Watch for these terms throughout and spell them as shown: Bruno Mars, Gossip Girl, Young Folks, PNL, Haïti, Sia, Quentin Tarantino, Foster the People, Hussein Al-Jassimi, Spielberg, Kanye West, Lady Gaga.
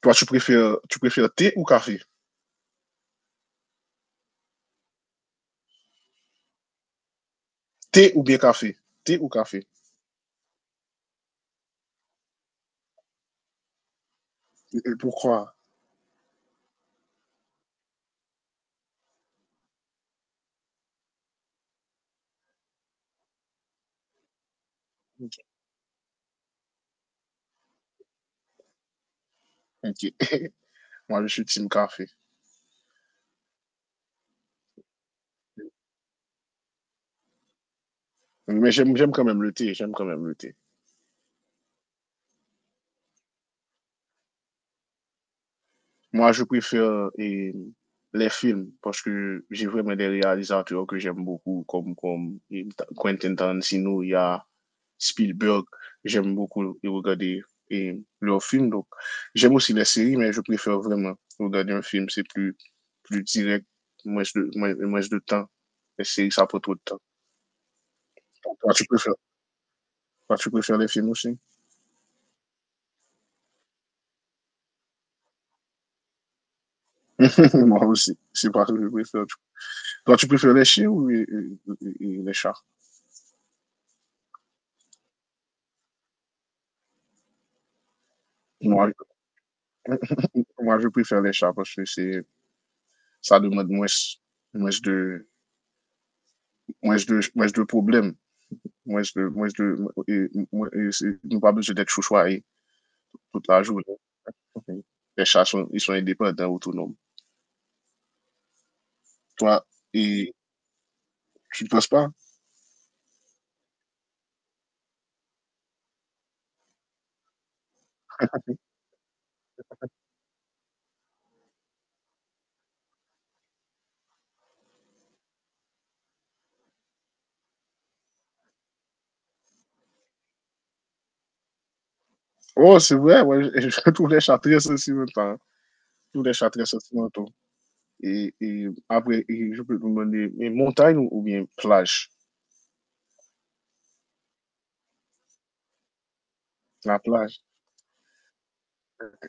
Toi, tu préfères thé ou café? Thé ou bien café? Thé ou café? Et pourquoi? Ok. Moi, je suis team café. Mais j'aime quand même le thé. J'aime quand même le thé. Moi, je préfère les films parce que j'ai vraiment des réalisateurs que j'aime beaucoup, comme, comme Quentin Tarantino, il y a Spielberg. J'aime beaucoup regarder leurs films. Donc, j'aime aussi les séries, mais je préfère vraiment regarder un film. C'est plus direct, moins de temps. Les séries, ça prend trop de temps. Toi, tu préfères les films aussi? Moi aussi. C'est pas ce que je préfère. Toi, tu préfères les chiens ou les chats? Moi, Moi, je préfère les chats parce que ça demande moins de, moins de problèmes. Moins de, et, moins- Nous pas besoin d'être chouchoués toute la journée. Mhm. Les chats sont, ils sont indépendants, autonomes. Toi, et tu ne penses pas? Oh, c'est vrai, ouais, je trouve les chats très sentimentaux. Tous les chats très sentimentaux. Et après, et je peux te demander, mais montagne ou bien plage? La plage.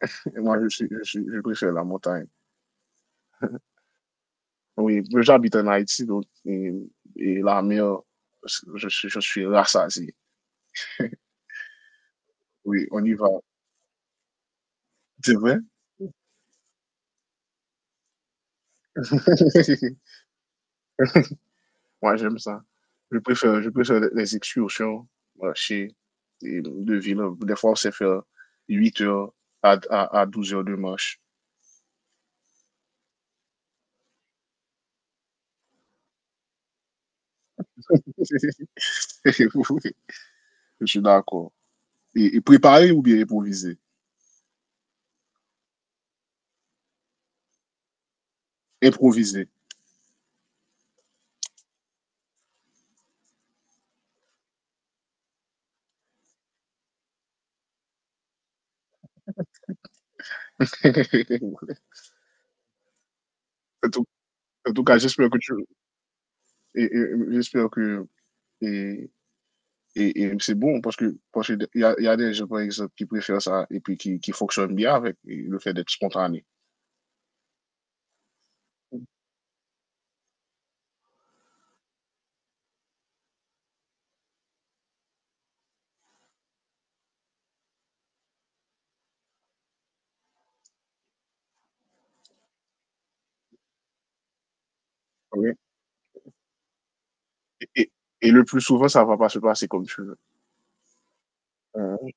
Et moi, je préfère la montagne. Oui, j'habite en Haïti, donc, et la mer, je suis rassasié. Oui, on y va. C'est vrai? Moi, j'aime ça. Je préfère les excursions, marcher et de ville. Des fois, on sait faire 8 heures à 12 heures de marche. Oui, je suis d'accord. Et préparer ou bien improviser? Improviser. En tout, en tout cas, j'espère que et- et- j'espère que, et c'est bon parce qu'il y a, y a des gens, par exemple, qui préfèrent ça et puis qui fonctionnent bien avec le fait d'être spontané. OK? Et, et, et le plus souvent, ça va pas se passer comme tu veux. Mmh.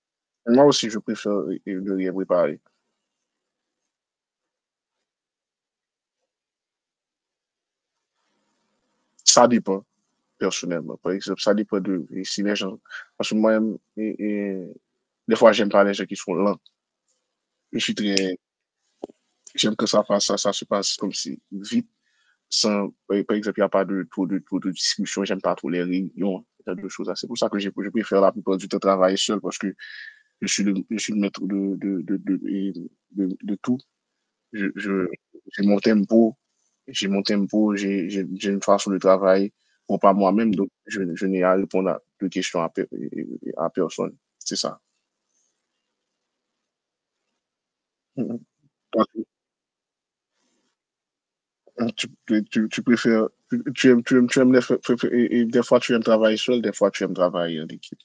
Moi aussi, je préfère ne rien préparer. Ça dépend, personnellement. Par exemple, ça dépend de et si les gens. Parce que moi-même, des fois, j'aime pas les gens qui sont lents. Je suis très. J'aime que ça se passe comme si vite. Sans, par exemple, il n'y a pas de trop de discussion, j'aime pas trop les réunions, il y a deux choses. C'est pour ça que je préfère la plupart du temps travailler seul parce que je suis le maître de tout. Je, je, j'ai mon tempo, j'ai une façon de travailler pour pas moi-même, donc je n'ai à répondre à de questions à personne. C'est ça. Mhm. Toi, tu aimes les fa- fa- fa- et des fois tu aimes travailler seul, des fois tu aimes travailler en équipe.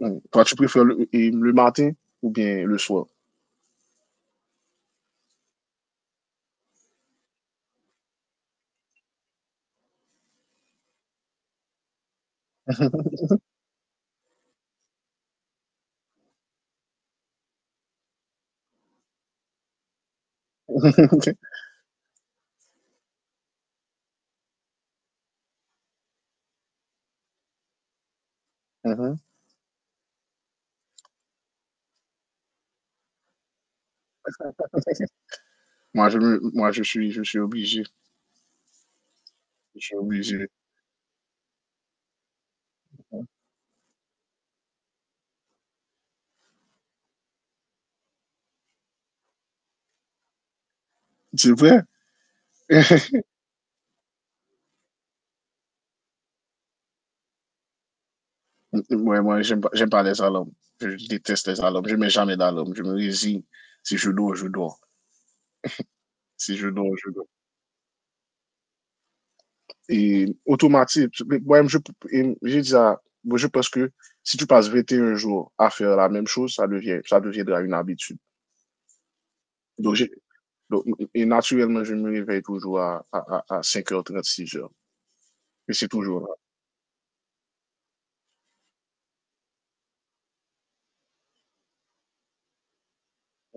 Mm. Toi, tu préfères le matin ou bien le soir? Ok. Mhm. Moi, je suis obligé. Je suis obligé. C'est vrai? Mm, ouais, moi, j'aime pas les alarmes. Je déteste les alarmes. Je mets jamais d'alarme. Je me résigne. Si je dors, je dors. Si je dors, je dors. Et automatique, mais moi-même, je, et j'ai dit ça. Moi, je pense que si tu passes 21 jours à faire la même chose, ça devient, ça deviendra une habitude. Donc, j'ai, donc, naturellement, je me réveille toujours à 5h30, 6h. Et c'est toujours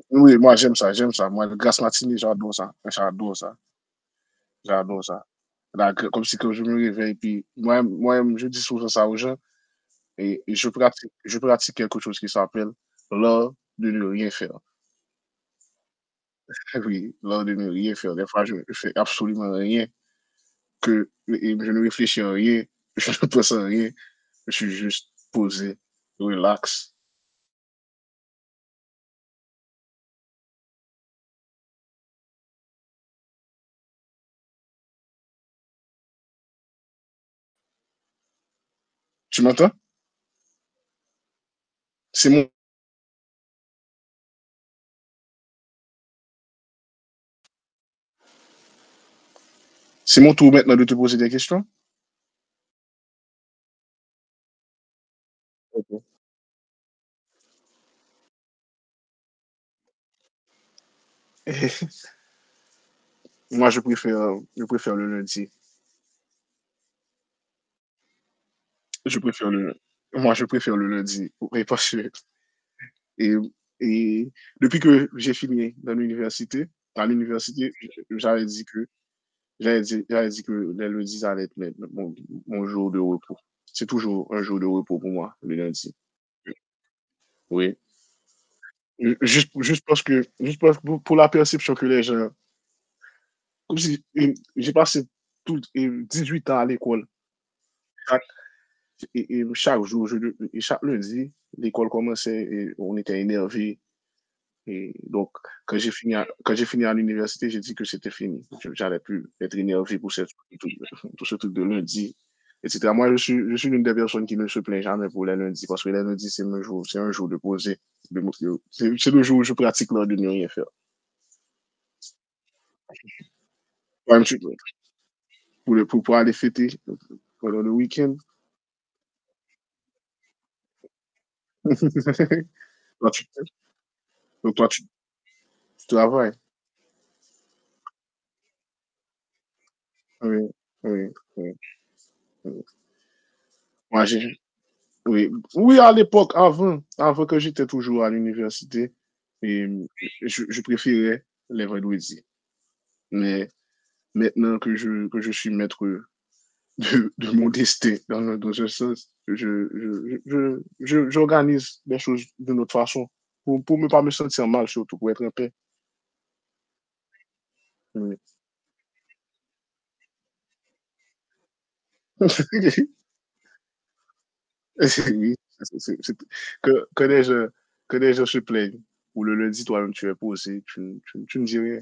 Oui, moi j'aime ça. Moi, le grasse matinée, j'adore ça. J'adore ça. J'adore ça. Là, comme si que je me réveille, puis moi je dis souvent ça aux gens, et je pratique quelque chose qui s'appelle l'art de ne rien faire. Oui, l'art de ne rien faire. Des fois, je ne fais absolument rien, que et je ne réfléchis à rien, je ne pense à rien, je suis juste posé, relax. Tu m'entends? C'est mon, c'est mon tour maintenant de te poser des questions. Ok. Moi, je préfère le lundi. Je préfère le Moi, je préfère le lundi parce que et et depuis que j'ai fini dans l'université à l'université, j'avais dit que j'avais dit que les lundis allaient être mes mon mon jour de repos. C'est toujours un jour de repos pour moi, le lundi. Oui. Ju juste juste parce que pour la perception que les gens comme si, j'ai passé tout 18 ans à l'école. Chaque chaque jour, je et chaque lundi, l'école commençait et on était énervé. Et donc, quand j'ai fini à l'université, j'ai dit que c'était fini. J'allais plus être énervé pour tout, tout ce truc de lundi, etc. Moi, je suis l'une des personnes qui ne se plaint jamais pour les lundis parce que les lundis, c'est un jour de poser. de me- c'est le jour où je pratique l'art de ne rien faire. Moi, je suis- prêt pour pouvoir aller fêter pendant le week-end. Toi, donc, toi, tu travailles. Oui, oui, oui. Oui. Moi, oui, oui à l'époque, avant que j'étais toujours à l'université, et je préférais les vendredis. Mais maintenant que je suis maître de mon destin dans un sens, j'organise les choses d'une autre façon pour ne pas me sentir mal, surtout pour être en paix. Oui. Oui, c'est- c'est- c'est- que, que, les gens, que les gens se plaignent. Ou le lundi, toi-même, tu es posé, tu ne dis rien.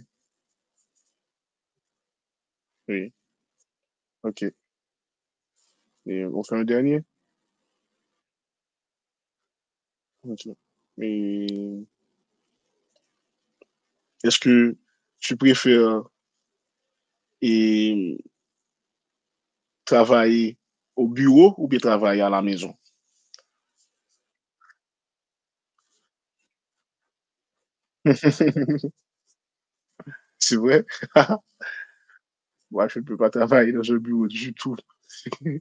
Oui, ok. Et on fait un dernier. OK. Et est-ce que tu préfères et travailler au bureau ou bien travailler à la maison? C'est vrai? Moi, je ne peux pas travailler dans un bureau du tout.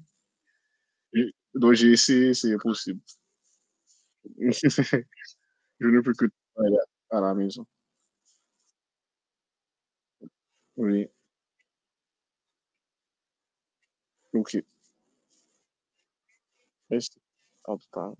Donc j'ai essayé, c'est impossible. Je ne peux que travailler à la maison. Oui, OK. Merci. À tout à l'heure.